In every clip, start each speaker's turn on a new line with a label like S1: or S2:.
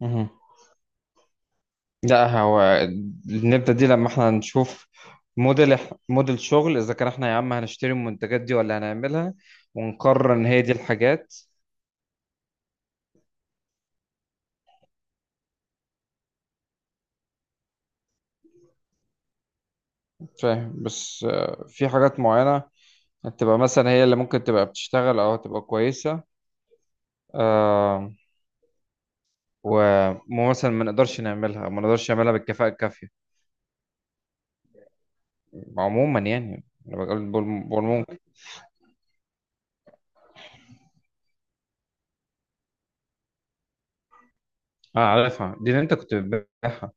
S1: مهم. لا هو نبدأ دي لما احنا نشوف موديل شغل، اذا كان احنا يا عم هنشتري المنتجات دي ولا هنعملها ونقرر ان هي دي الحاجات. فاهم، بس آه، في حاجات معينة تبقى مثلا هي اللي ممكن تبقى بتشتغل او تبقى كويسة. آه، ومثلا ما نقدرش نعملها او ما نقدرش نعملها بالكفاءة الكافية. عموما يعني انا بقول ممكن. اه، عارفها، دي اللي انت كنت بتبيعها.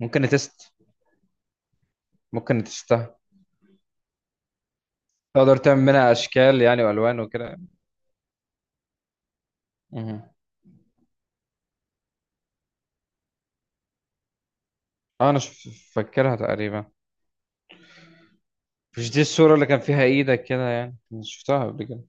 S1: ممكن تست ممكن تستها. تقدر تعمل منها اشكال يعني والوان وكده. مهم. اه، فاكرها تقريبا. مش دي الصورة اللي كان فيها ايدك كده؟ يعني أنا شفتها قبل كده.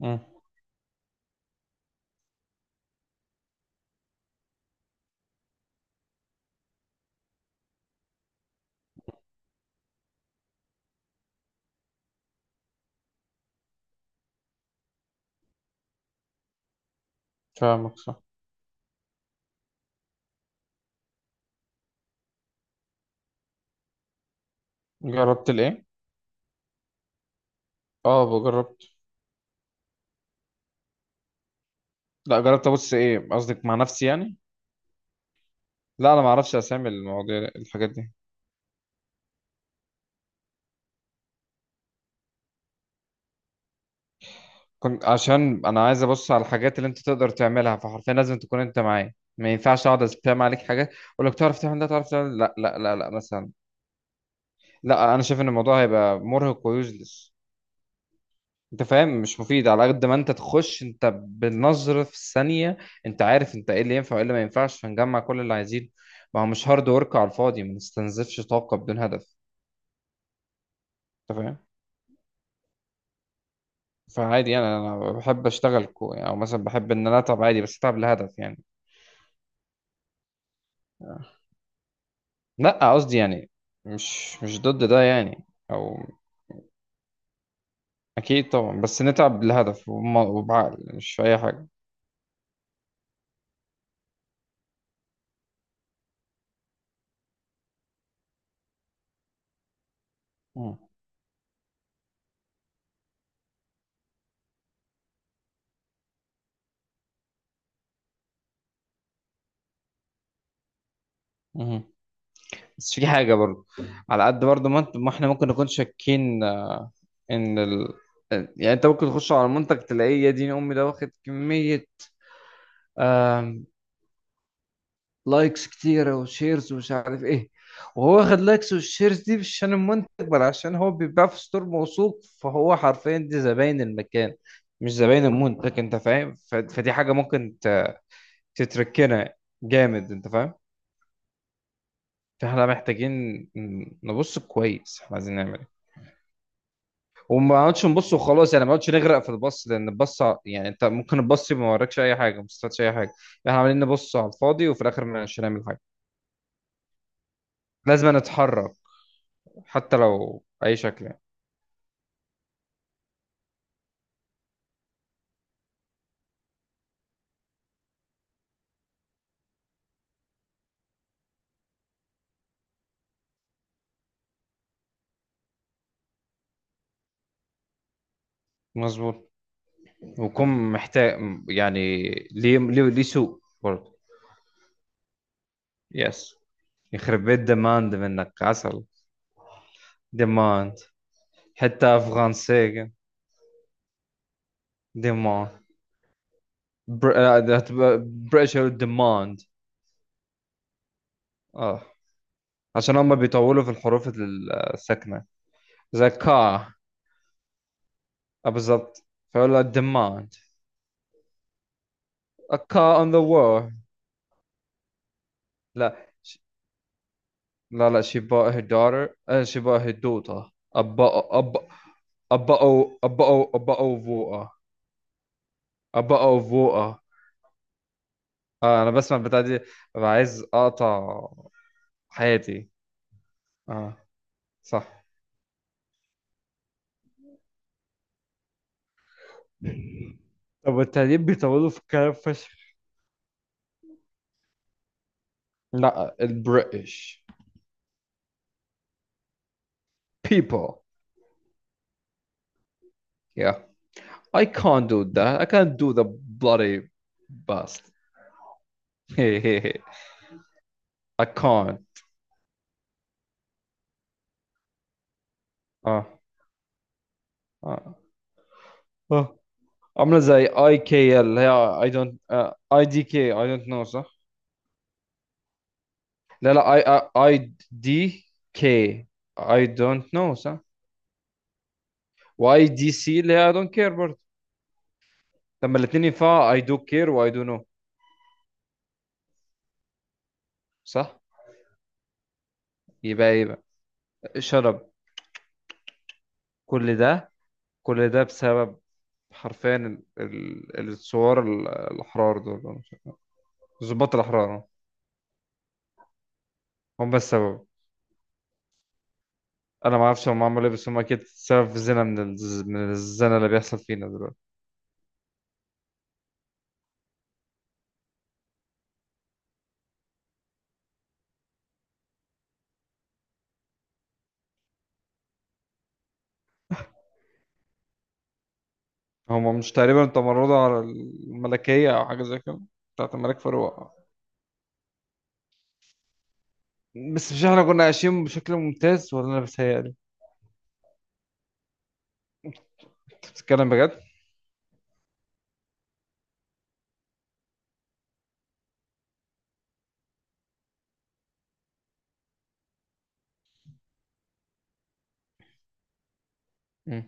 S1: مم. فاهمك، صح. جربت الايه؟ اه، جربت. لا، جربت ابص ايه؟ قصدك مع نفسي يعني؟ لا، انا ما اعرفش اسامي المواضيع الحاجات دي. كنت عشان انا عايز ابص على الحاجات اللي انت تقدر تعملها، فحرفيا لازم تكون انت معايا، ما ينفعش اقعد اسبام عليك حاجات اقول لك تعرف تعمل ده تعرف تعمل ده. لا لا لا لا مثلا. لا انا شايف ان الموضوع هيبقى مرهق ويوزلس. انت فاهم؟ مش مفيد على قد ما انت تخش انت بالنظر في الثانية. انت عارف انت ايه اللي ينفع وايه اللي ما ينفعش، فنجمع كل اللي عايزينه. ما هو مش هارد ورك على الفاضي، ما نستنزفش طاقة بدون هدف. انت فاهم؟ فعادي يعني، انا بحب اشتغل كو يعني، او مثلا بحب ان انا اتعب عادي، بس اتعب لهدف يعني. لا قصدي يعني مش ضد ده يعني. او اكيد طبعا، بس نتعب لهدف وبعقل، مش في اي حاجة. مم. مم. بس في حاجة برضه، على قد برضه ما احنا ممكن نكون شاكين ان ال... يعني انت ممكن تخش على المنتج تلاقيه يا دين امي ده واخد كمية، آم، لايكس كتيرة وشيرز ومش عارف ايه، وهو واخد لايكس والشيرز دي مش عشان المنتج، بل عشان هو بيتباع في ستور موثوق، فهو حرفيا دي زباين المكان مش زباين المنتج. انت فاهم؟ ف... فدي حاجة ممكن ت... تتركنا جامد. انت فاهم؟ فاحنا محتاجين نبص كويس احنا عايزين نعمل ايه، وما نقعدش نبص وخلاص يعني، ما نقعدش نغرق في البص، لان يعني انت ممكن البص ما وراكش اي حاجه، ما استفادش اي حاجه. احنا عمالين نبص على الفاضي وفي الاخر مش هنعمل حاجه. لازم نتحرك، حتى لو باي شكل يعني. مظبوط. ويكون محتاج، يعني ليه سوق برضه. يس. يخرب بيت ديماند منك، عسل. ديماند، حتى فرنسية. ديماند. آه، ده هتبقى بريتش ديماند. اه، عشان هم بيطولوا في الحروف الساكنه. ذكاء. آه، بالضبط. فلا الدماء. A car on the wall. لا لا لا she bought her daughter، آه, she bought her daughter a bo- a bo- a bottle of water. A bottle of water. آه، أنا بسمع البتاع دي ببقى عايز أقطع حياتي. آه، صح. طب والتعليم بيطولوا في الكلام فشخ. لا، البريتش. People. Yeah, I can't do that, I can't do the bloody bust. I can't. آه. آه. آه. عامله زي اي كي اللي هي اي دونت. اي دي كي، اي دونت نو، صح. لا لا، اي اي دي كي، اي دونت نو، صح. واي دي سي اللي هي اي دونت كير برضه. لما الاثنين ينفعوا، اي دو كير واي دو نو. صح. يبقى ايه بقى؟ شرب. كل ده، كل ده بسبب حرفيا الثوار الاحرار دول، أنا مش عارف. ضباط الاحرار، آه. هم السبب. انا ما اعرفش هم عملوا ايه، بس هم اكيد سبب في زنا من الزنا اللي بيحصل فينا دلوقتي. هما مش تقريبا تمردوا على الملكية أو حاجة زي كده، بتاعت الملك فاروق؟ بس مش احنا كنا عايشين بشكل ممتاز، ولا أنا بتهيألي؟ أنت بتتكلم بجد؟ مم.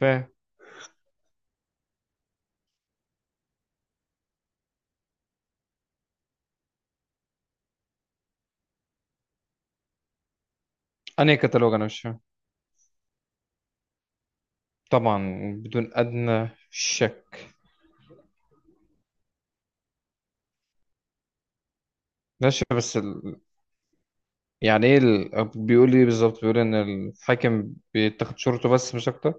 S1: فاهم. أنهي كتالوج؟ أنا مش فاهم. طبعا، بدون أدنى شك. ماشي، بس ال... يعني إيه ال... بيقول إيه بالظبط؟ بيقول إن الحاكم بيتاخد شرطه بس مش أكتر؟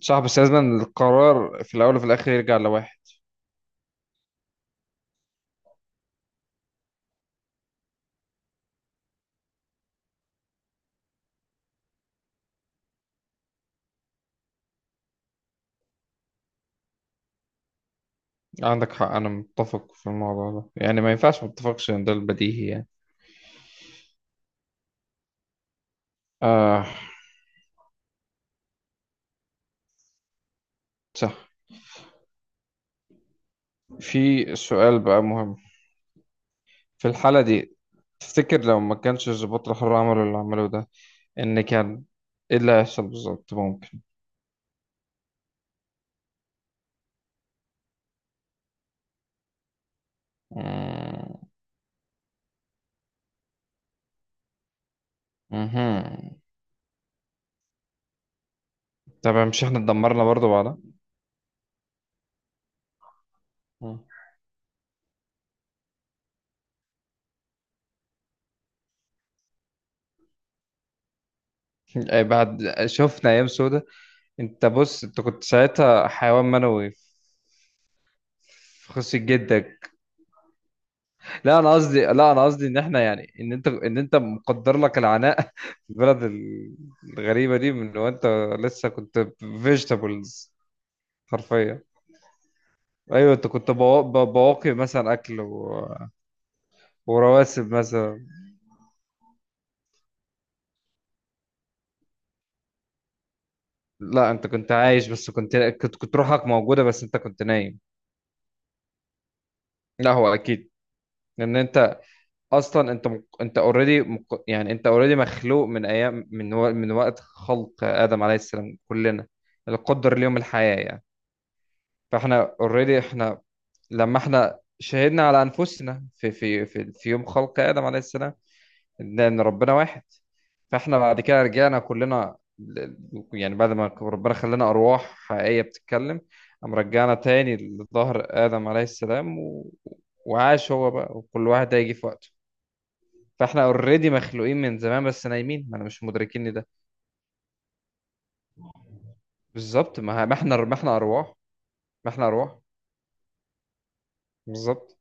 S1: صح، بس لازم القرار في الأول وفي الآخر يرجع لواحد. عندك حق، أنا متفق في الموضوع ده يعني، ما ينفعش ما اتفقش، إن ده البديهي يعني. آه، صح. في سؤال بقى مهم في الحالة دي. تفتكر لو ما كانش الضباط الحر عملوا اللي عملوه ده، إن كان إيه اللي هيحصل بالظبط؟ ممكن. مم. مهم. طبعا، مش إحنا اتدمرنا برضه بعدها. مم. أي بعد شفنا أيام سودة. أنت بص، أنت كنت ساعتها حيوان منوي في خصية جدك. لا أنا قصدي، لا أنا قصدي إن إحنا يعني، إن أنت، إن أنت مقدر لك العناء في البلد الغريبة دي من وأنت لسه كنت فيجيتابلز حرفيا. ايوه، انت كنت بواقي مثلا اكل و... ورواسب مثلا. لا، انت كنت عايش، بس كنت روحك موجوده، بس انت كنت نايم. لا، هو اكيد. لان انت اصلا انت انت اوريدي يعني انت اوريدي مخلوق من ايام، من و... من وقت خلق ادم عليه السلام. كلنا القدر ليوم الحياه يعني. فاحنا اوريدي احنا لما احنا شهدنا على انفسنا في يوم خلق ادم عليه السلام، لأن ربنا واحد. فاحنا بعد كده رجعنا كلنا ل- يعني بعد ما ربنا خلانا أرواح حقيقية بتتكلم، قام رجعنا تاني لظهر آدم عليه السلام و... وعاش هو بقى، وكل واحد هيجي في وقته. فاحنا اوريدي مخلوقين من زمان، بس نايمين، ما انا مش مدركين ده. بالظبط. ما احنا أرواح. ما احنا أرواح. بالظبط.